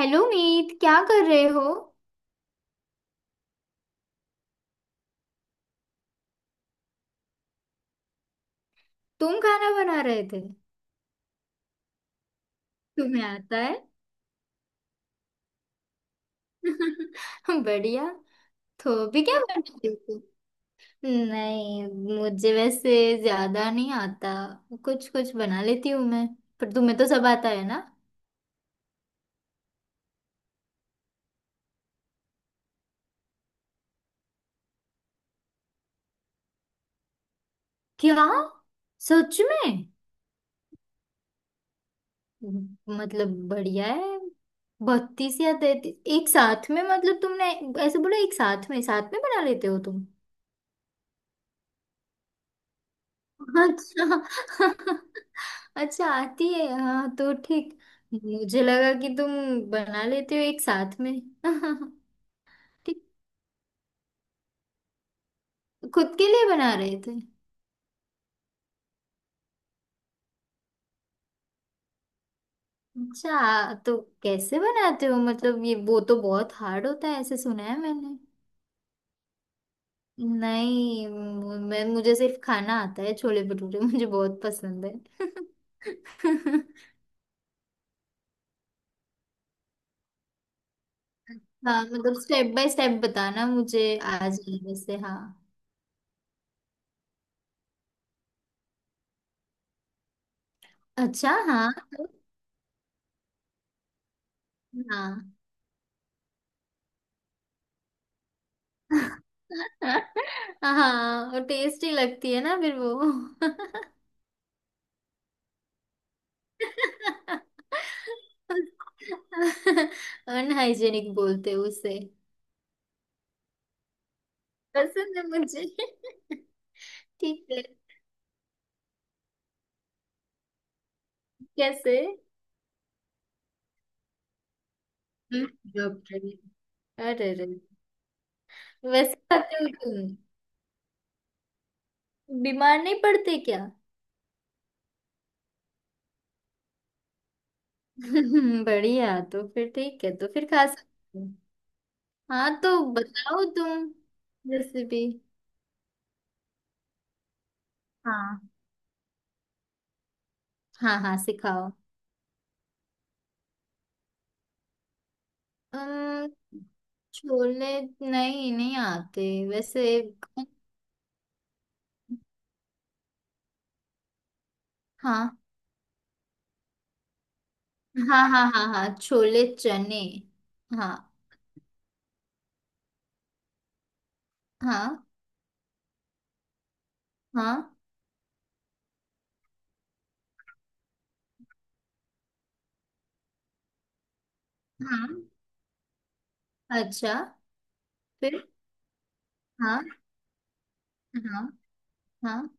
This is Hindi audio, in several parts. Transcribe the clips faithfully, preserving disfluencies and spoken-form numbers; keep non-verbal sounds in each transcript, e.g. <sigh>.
हेलो मीत, क्या कर रहे हो। तुम खाना बना रहे थे? तुम्हें आता है? <laughs> बढ़िया। तो अभी क्या <laughs> बनाते हो तुम? नहीं, मुझे वैसे ज्यादा नहीं आता। कुछ कुछ बना लेती हूँ मैं। पर तुम्हें तो सब आता है ना। क्या, सच में? मतलब बढ़िया है। बत्तीस या तैतीस एक साथ में, मतलब तुमने ऐसे बोला एक साथ में, साथ में बना लेते हो तुम? अच्छा <laughs> अच्छा, आती है, हाँ तो ठीक। मुझे लगा कि तुम बना लेते हो एक साथ में <laughs> ठीक। खुद के लिए बना रहे थे? अच्छा, तो कैसे बनाते हो? मतलब ये वो तो बहुत हार्ड होता है ऐसे, सुना है मैंने। नहीं, मु- मैं, मुझे सिर्फ खाना आता है। छोले भटूरे मुझे बहुत पसंद है। <laughs> हाँ मतलब स्टेप बाय स्टेप बताना, मुझे आ जाए वैसे। हाँ। अच्छा, हाँ। तो- हाँ। <laughs> हाँ, और टेस्टी लगती है ना फिर वो। <laughs> अनहाइजेनिक बोलते हैं उसे। पसंद है मुझे <laughs> ठीक है। कैसे? हम्म, डॉक्टर। अरे अरे। वैसे खाते हो तुम? बीमार नहीं पड़ते क्या? <laughs> बढ़िया, तो फिर ठीक है, तो फिर खा सकते हो। हाँ, तो बताओ तुम रेसिपी। हाँ हाँ, हाँ सिखाओ। अम्म, छोले नहीं, नहीं आते वैसे। हाँ हाँ हाँ हाँ, हाँ छोले चने। हाँ हाँ हाँ हाँ। अच्छा, फिर। हाँ हाँ हाँ।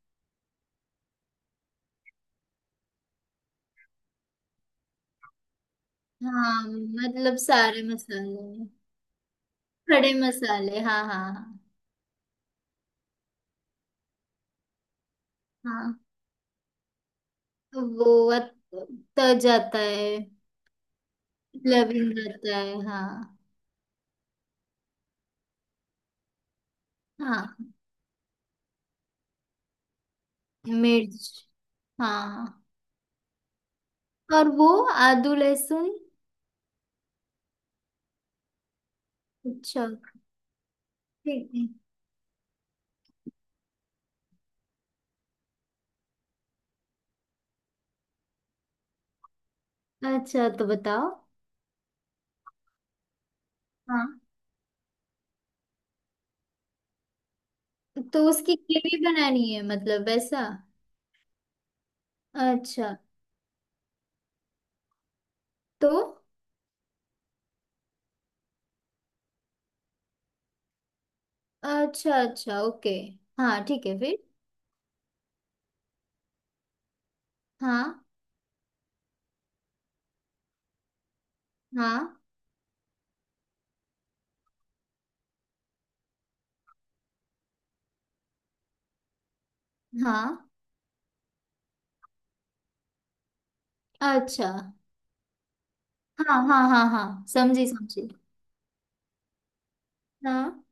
हाँ मतलब सारे मसाले। खड़े मसाले, हाँ हाँ हाँ। हाँ। वो अत- त जाता है। लविंग जाता है हाँ। हाँ। मिर्च। हाँ, और वो आदू लहसुन। अच्छा। ठीक। अच्छा, तो बताओ। हाँ, तो उसकी ग्रेवी बनानी है मतलब वैसा? अच्छा। तो? अच्छा अच्छा, ओके। हाँ ठीक है, फिर? हाँ हाँ हाँ। अच्छा। हाँ हाँ हाँ हाँ, समझी समझी। हाँ।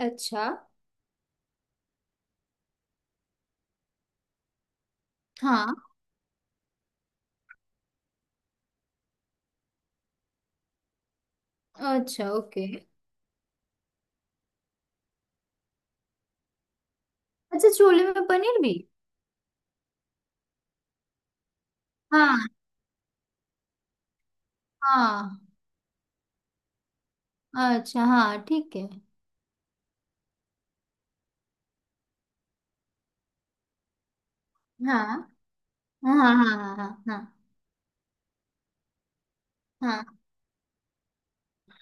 अच्छा। हाँ। अच्छा, ओके। अच्छा, छोले में पनीर भी? हाँ। हाँ, अच्छा हाँ ठीक है। हाँ हाँ हाँ हाँ हाँ। हाँ। हाँ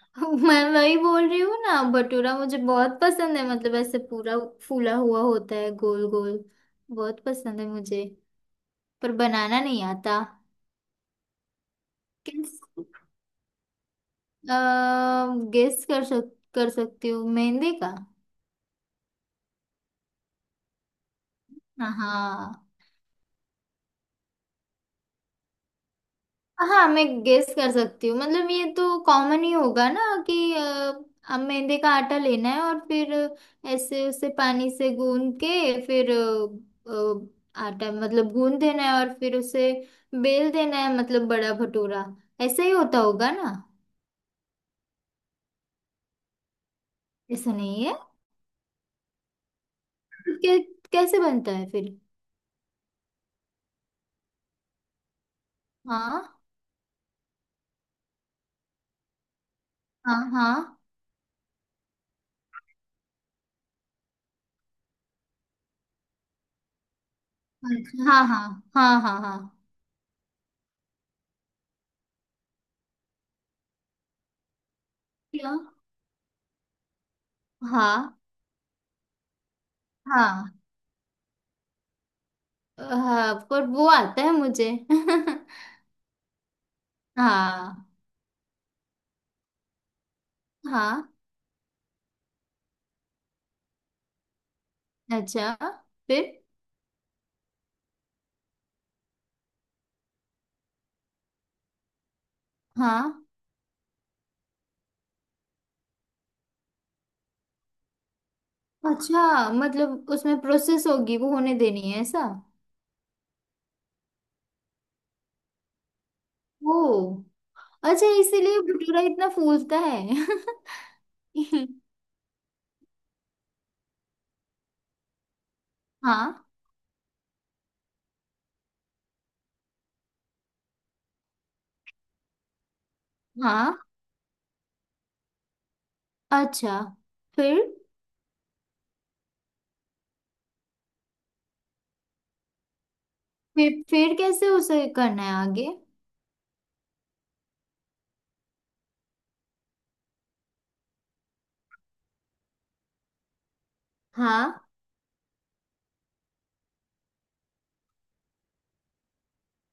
<laughs> मैं वही बोल रही हूँ ना, भटूरा मुझे बहुत पसंद है, मतलब ऐसे पूरा फूला हुआ होता है, गोल गोल। बहुत पसंद है मुझे। पर बनाना नहीं आता। किस? गेस कर सक कर सकती हूँ, मेहंदी का। हाँ। हाँ मैं गेस कर सकती हूँ, मतलब ये तो कॉमन ही होगा ना कि अ, अब मैदे का आटा लेना है और फिर ऐसे उसे पानी से गूंद के, फिर अ, अ, आटा मतलब गूंद देना है, और फिर उसे बेल देना है मतलब, बड़ा भटूरा। ऐसा ही होता होगा ना? ऐसा नहीं है? कै, कैसे बनता है फिर? हाँ हाँ हाँ। अच्छा, हाँ हाँ हाँ हाँ हाँ। क्या? हाँ हाँ हाँ, पर वो आता है मुझे <laughs> हाँ। हाँ। अच्छा। फिर? हाँ। अच्छा, मतलब उसमें प्रोसेस होगी, वो होने देनी है ऐसा? ओ। अच्छा, इसीलिए भटूरा इतना फूलता है। <laughs> हाँ। हाँ। अच्छा। फिर फिर फिर कैसे उसे करना है आगे? हाँ,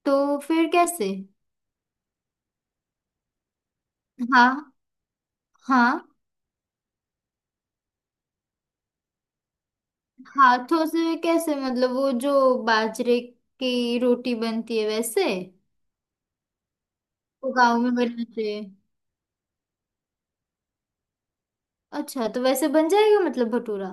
तो फिर कैसे? हाँ। हाँ, हाथों से कैसे? मतलब वो जो बाजरे की रोटी बनती है वैसे? वो गाँव में बनाते हैं। अच्छा, तो वैसे बन जाएगा मतलब भटूरा?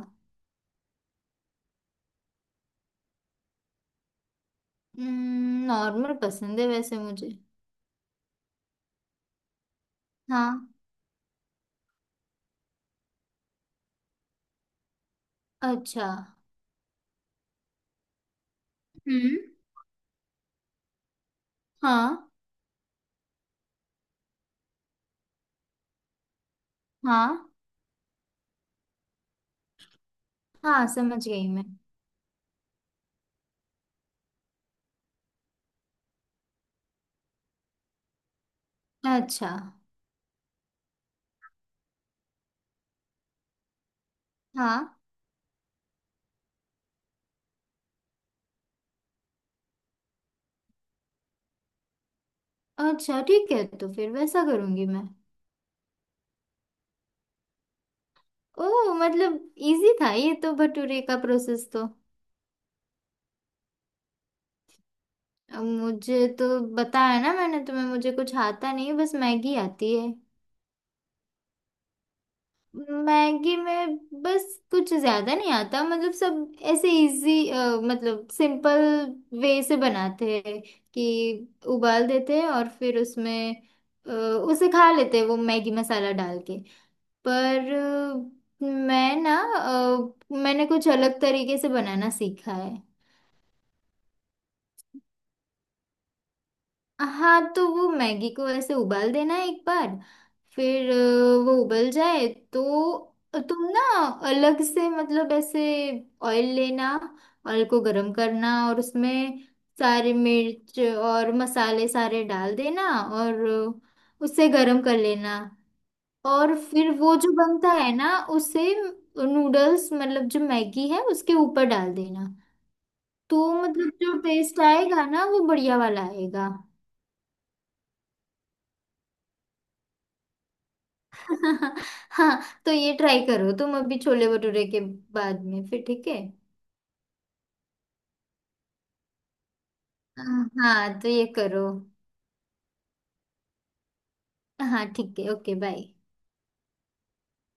हम्म, नॉर्मल पसंद है वैसे मुझे। हाँ। अच्छा। हम्म। हाँ हाँ, हाँ समझ गई मैं। अच्छा। हाँ। अच्छा ठीक है, तो फिर वैसा करूंगी मैं। ओ मतलब इजी था ये तो, भटूरे का प्रोसेस तो। अब मुझे तो बताया ना मैंने तुम्हें, मुझे कुछ आता नहीं, बस मैगी आती है। मैगी में बस, कुछ ज्यादा नहीं आता। मतलब सब ऐसे इजी मतलब सिंपल वे से बनाते हैं कि उबाल देते हैं, और फिर उसमें अ, उसे खा लेते हैं वो मैगी मसाला डाल के। पर अ, मैं ना, अ, मैंने कुछ अलग तरीके से बनाना सीखा है। हाँ, तो वो मैगी को ऐसे उबाल देना है एक बार। फिर अ, वो उबल जाए तो तुम ना अलग से मतलब ऐसे ऑयल लेना, ऑयल को गरम करना, और उसमें सारे मिर्च और मसाले सारे डाल देना, और अ, उसे गरम कर लेना। और फिर वो जो बनता है ना उसे, नूडल्स मतलब जो मैगी है उसके ऊपर डाल देना। तो मतलब जो टेस्ट आएगा ना, वो बढ़िया वाला आएगा। <laughs> हाँ। हाँ, तो ये ट्राई करो तुम, अभी छोले भटूरे के बाद में, फिर ठीक है। हाँ हाँ, तो ये करो। हाँ ठीक है, ओके बाय।